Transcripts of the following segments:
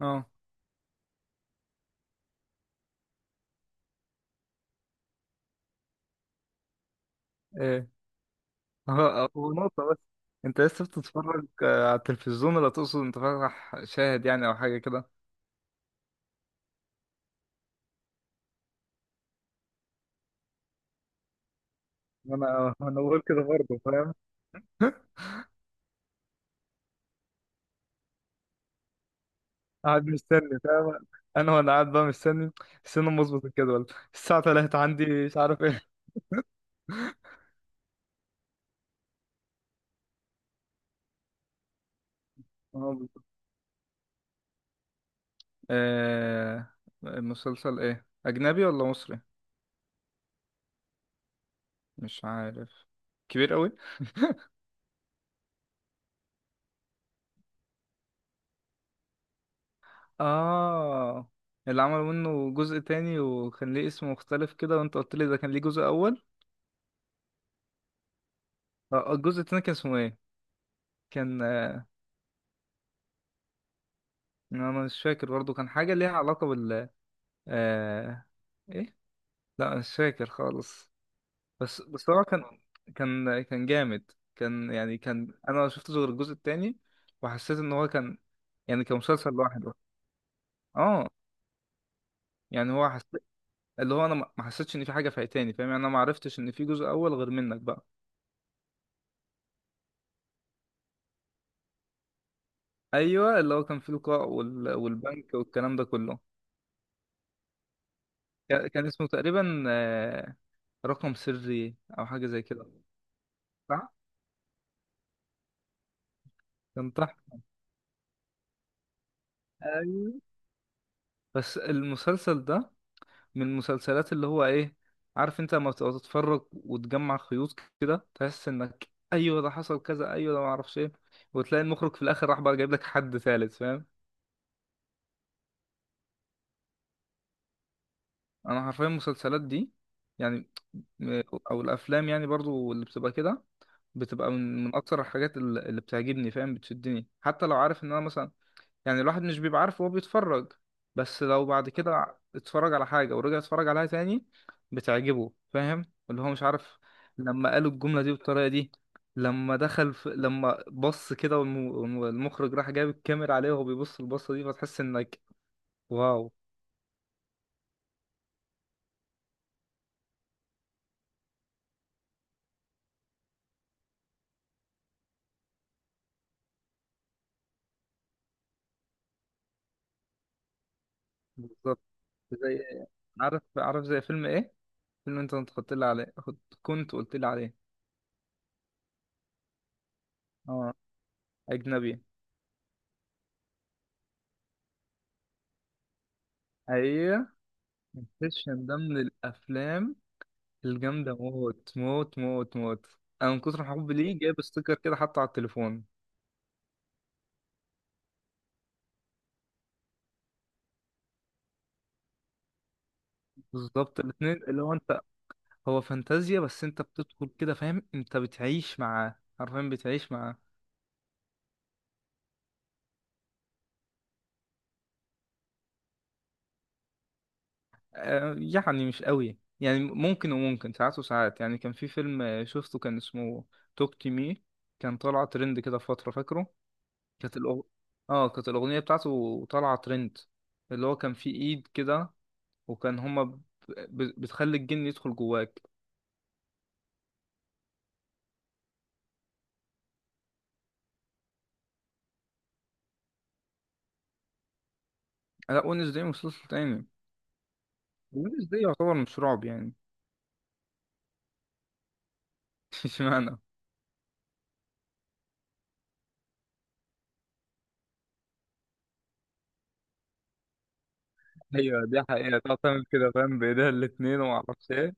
اه، ايه. هو نقطة بس. انت لسه بتتفرج على التلفزيون، ولا تقصد انت فاتح شاهد يعني او حاجة كده؟ انا انا بقول كده برضه، فاهم. قاعد مستني، فاهم. انا وانا قاعد بقى مستني، استنى أما اظبط الجدول الساعة 3 عندي مش عارف ايه. اه بالظبط. آه، مسلسل ايه، اجنبي ولا مصري؟ مش عارف. كبير قوي. اه، اللي عملوا منه جزء تاني وكان ليه اسم مختلف كده، وانت قلت لي ده كان ليه جزء اول. اه، الجزء التاني كان اسمه ايه؟ كان انا مش فاكر برضه. كان حاجه ليها علاقه آه... ايه. لا، مش فاكر خالص. بس هو كان، كان جامد، كان يعني، كان انا ما شفتش غير الجزء التاني وحسيت ان هو كان، يعني كان مسلسل لوحده. اه، يعني هو حسيت، اللي هو انا ما حسيتش ان في حاجه فايتاني، فاهم يعني. انا ما عرفتش ان في جزء اول غير منك بقى. ايوه، اللي هو كان فيه لقاء والبنك والكلام ده كله. كان اسمه تقريبا رقم سري او حاجه زي كده. صح، كان تحت. ايوه بس المسلسل ده من المسلسلات اللي هو ايه، عارف انت لما بتبقى تتفرج وتجمع خيوط كده، تحس انك ايوه ده حصل كذا، ايوه ده معرفش ايه، وتلاقي المخرج في الاخر راح بقى جايب لك حد ثالث، فاهم. انا حرفيا المسلسلات دي يعني، م- او الافلام يعني برضو اللي بتبقى كده، بتبقى من اكتر الحاجات اللي بتعجبني، فاهم. بتشدني حتى لو عارف ان انا مثلا، يعني الواحد مش بيبقى عارف وهو بيتفرج، بس لو بعد كده اتفرج على حاجة ورجع اتفرج عليها تاني، بتعجبه، فاهم. اللي هو مش عارف لما قالوا الجملة دي بالطريقة دي، لما لما بص كده والمخرج راح جايب الكاميرا عليه وهو بيبص البصة دي، فتحس انك واو. بالظبط. زي، عارف زي فيلم ايه؟ فيلم انت كنت قلت لي عليه، كنت قلت لي عليه. اه، اجنبي. ايوه، انسبشن. ده من الافلام الجامدة موت موت موت موت. أنا من كتر حبي ليه جايب ستيكر كده حاطه على التليفون. بالظبط، الاتنين اللي هو أنت. هو فانتازيا بس أنت بتدخل كده، فاهم، أنت بتعيش معاه، حرفيا بتعيش معاه. آه يعني مش قوي يعني، ممكن وممكن، ساعات وساعات يعني. كان في فيلم شفته كان اسمه توك تو مي. كان طالع ترند كده في فترة، فاكره؟ كانت الأغ... اه كانت الأغنية بتاعته طالعة ترند. اللي هو كان فيه إيد كده، وكان هما بتخلي الجن يدخل جواك. لا، ونسداي مسلسل تاني. ونسداي يعتبر مش رعب يعني. اشمعنى؟ ايوه دي حقيقة تعتمد كده، فاهم، بايديها الاتنين وما اعرفش ايه.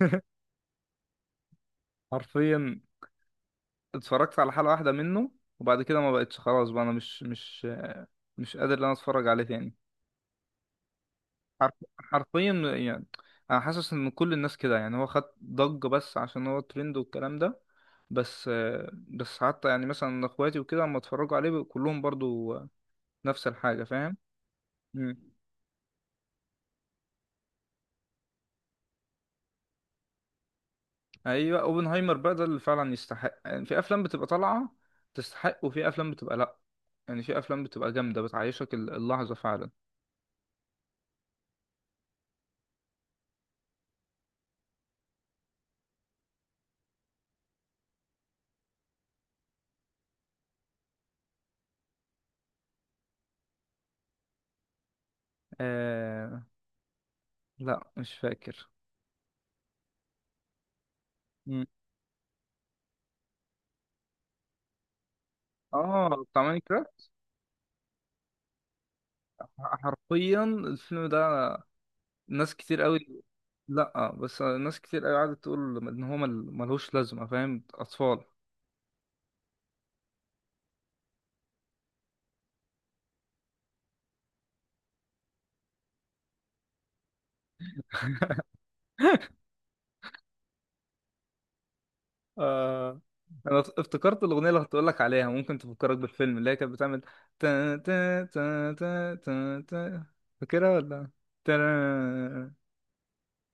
حرفيا، اتفرجت على حلقة واحدة منه، وبعد كده ما بقتش خلاص بقى. انا مش قادر ان انا اتفرج عليه تاني. حرفيا يعني، انا حاسس ان كل الناس كده يعني، هو خد ضجة بس عشان هو ترند والكلام ده. بس بس حتى يعني مثلا اخواتي وكده اما اتفرجوا عليه كلهم برضو نفس الحاجة، فاهم. ايوه، اوبنهايمر بقى ده اللي فعلا يستحق يعني. في افلام بتبقى طالعه تستحق، وفي افلام بتبقى لا. يعني في افلام بتبقى جامده بتعيشك اللحظه فعلا. آه، لا مش فاكر. مم. اه، بتاع ماينكرافت. حرفيا الفيلم ده، ناس كتير قوي. لا بس ناس كتير قوي قعدت تقول ان هو ملهوش لازمه، فاهم، اطفال. آه، انا افتكرت الاغنيه اللي كنت لك عليها، ممكن تفكرك بالفيلم، اللي هي كانت بتعمل تا تا تا تا تا تا. فاكرها ولا؟ تا.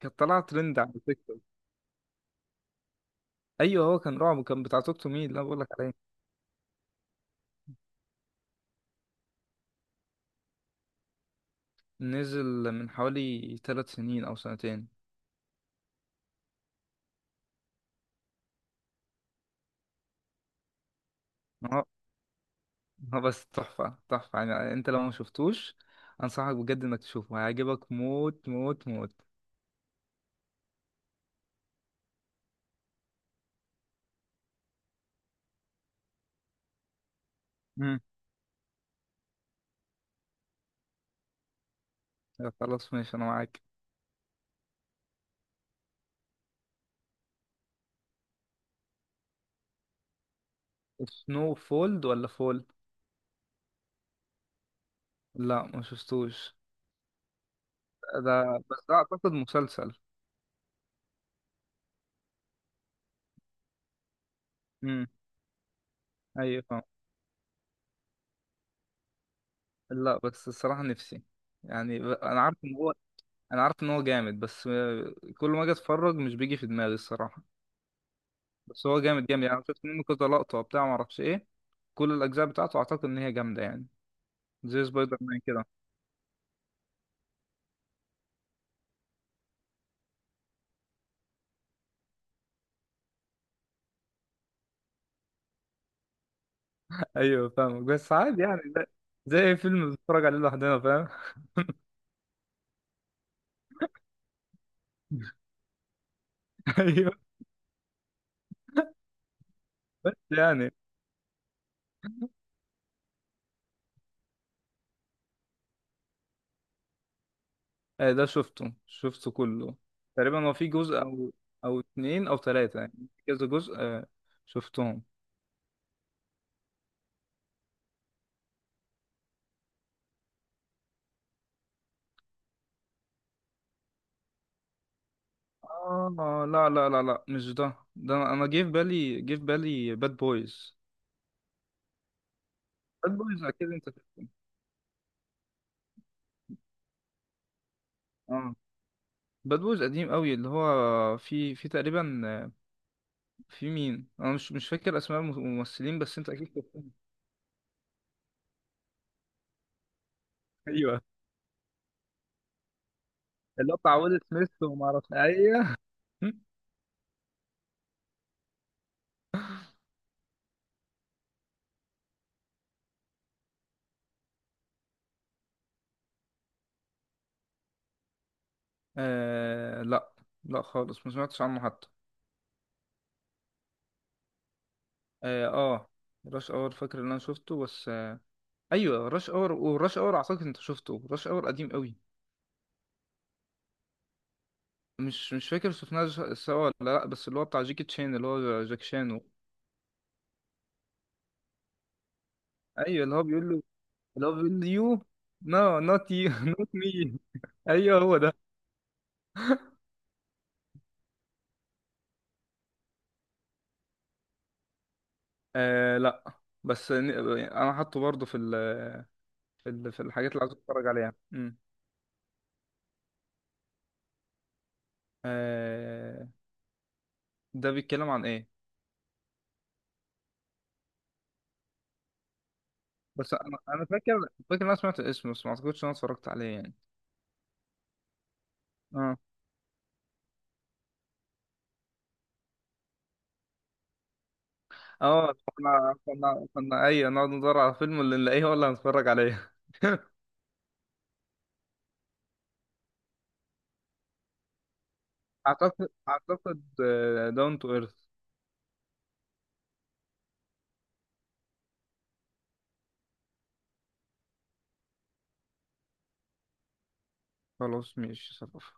كانت طالعه ترند على تيك توك. ايوه هو كان رعب وكان بتاع توك تو مي اللي انا بقول لك عليه. نزل من حوالي ثلاث سنين او سنتين. هو هو بس تحفه تحفه يعني. انت لو ما شفتوش انصحك بجد انك تشوفه، هيعجبك موت موت موت. مم. خلاص ماشي، انا معاك. سنو فولد ولا فول؟ لا، ما شفتوش. ده بس ده اعتقد مسلسل. امم، ايوه، فاهم. لا بس الصراحه، نفسي يعني، انا عارف ان هو جامد بس كل ما اجي اتفرج مش بيجي في دماغي، الصراحه. بس هو جامد جامد يعني. أنا شفت منه كذا لقطه وبتاع ما اعرفش ايه. كل الاجزاء بتاعته اعتقد ان هي جامده يعني، زي سبايدر مان كده. ايوه، فاهمك. بس عادي يعني، زي أي فيلم بتتفرج عليه لوحدنا، فاهم. ايوه بس يعني، ده شفته كله تقريبا. هو في جزء او اتنين او تلاتة يعني، في كذا جزء شفتهم. اه، لا لا لا لا مش ده. ده أنا جه في بالي، جه في بالي باد بويز. باد بويز اكيد انت شفته. اه، باد بويز قديم قوي، اللي هو في تقريبا في مين، انا مش فاكر اسماء الممثلين بس انت اكيد شفتهم. ايوه اللي هو بتاع ويل سميث وما اعرفش، ايوه. آه لا، لا خالص ما سمعتش عنه حتى. اه، راش اور. فاكر ان انا شفته بس ايوه، راش اور. وراش اور اعتقد انت شفته، راش اور قديم قوي. مش فاكر شفناه سوا ولا لا، بس اللي هو بتاع جيكي تشين اللي هو جاك شانو. ايوه اللي هو بيقول له، يو نو، نوت يو نوت مي. ايوه هو ده. آه لا، بس انا حاطه برضه في ال، في الحاجات اللي عايز اتفرج عليها. آه ده بيتكلم عن ايه؟ بس انا، فاكر، ان انا سمعت اسمه، بس ما اعتقدش ان انا اتفرجت عليه يعني. اه. اه، كنا ايوه نقعد ندور على فيلم، اللي نلاقيه هو اللي هنتفرج عليه. اعتقد، داون تو ايرث. خلاص ماشي، صرف.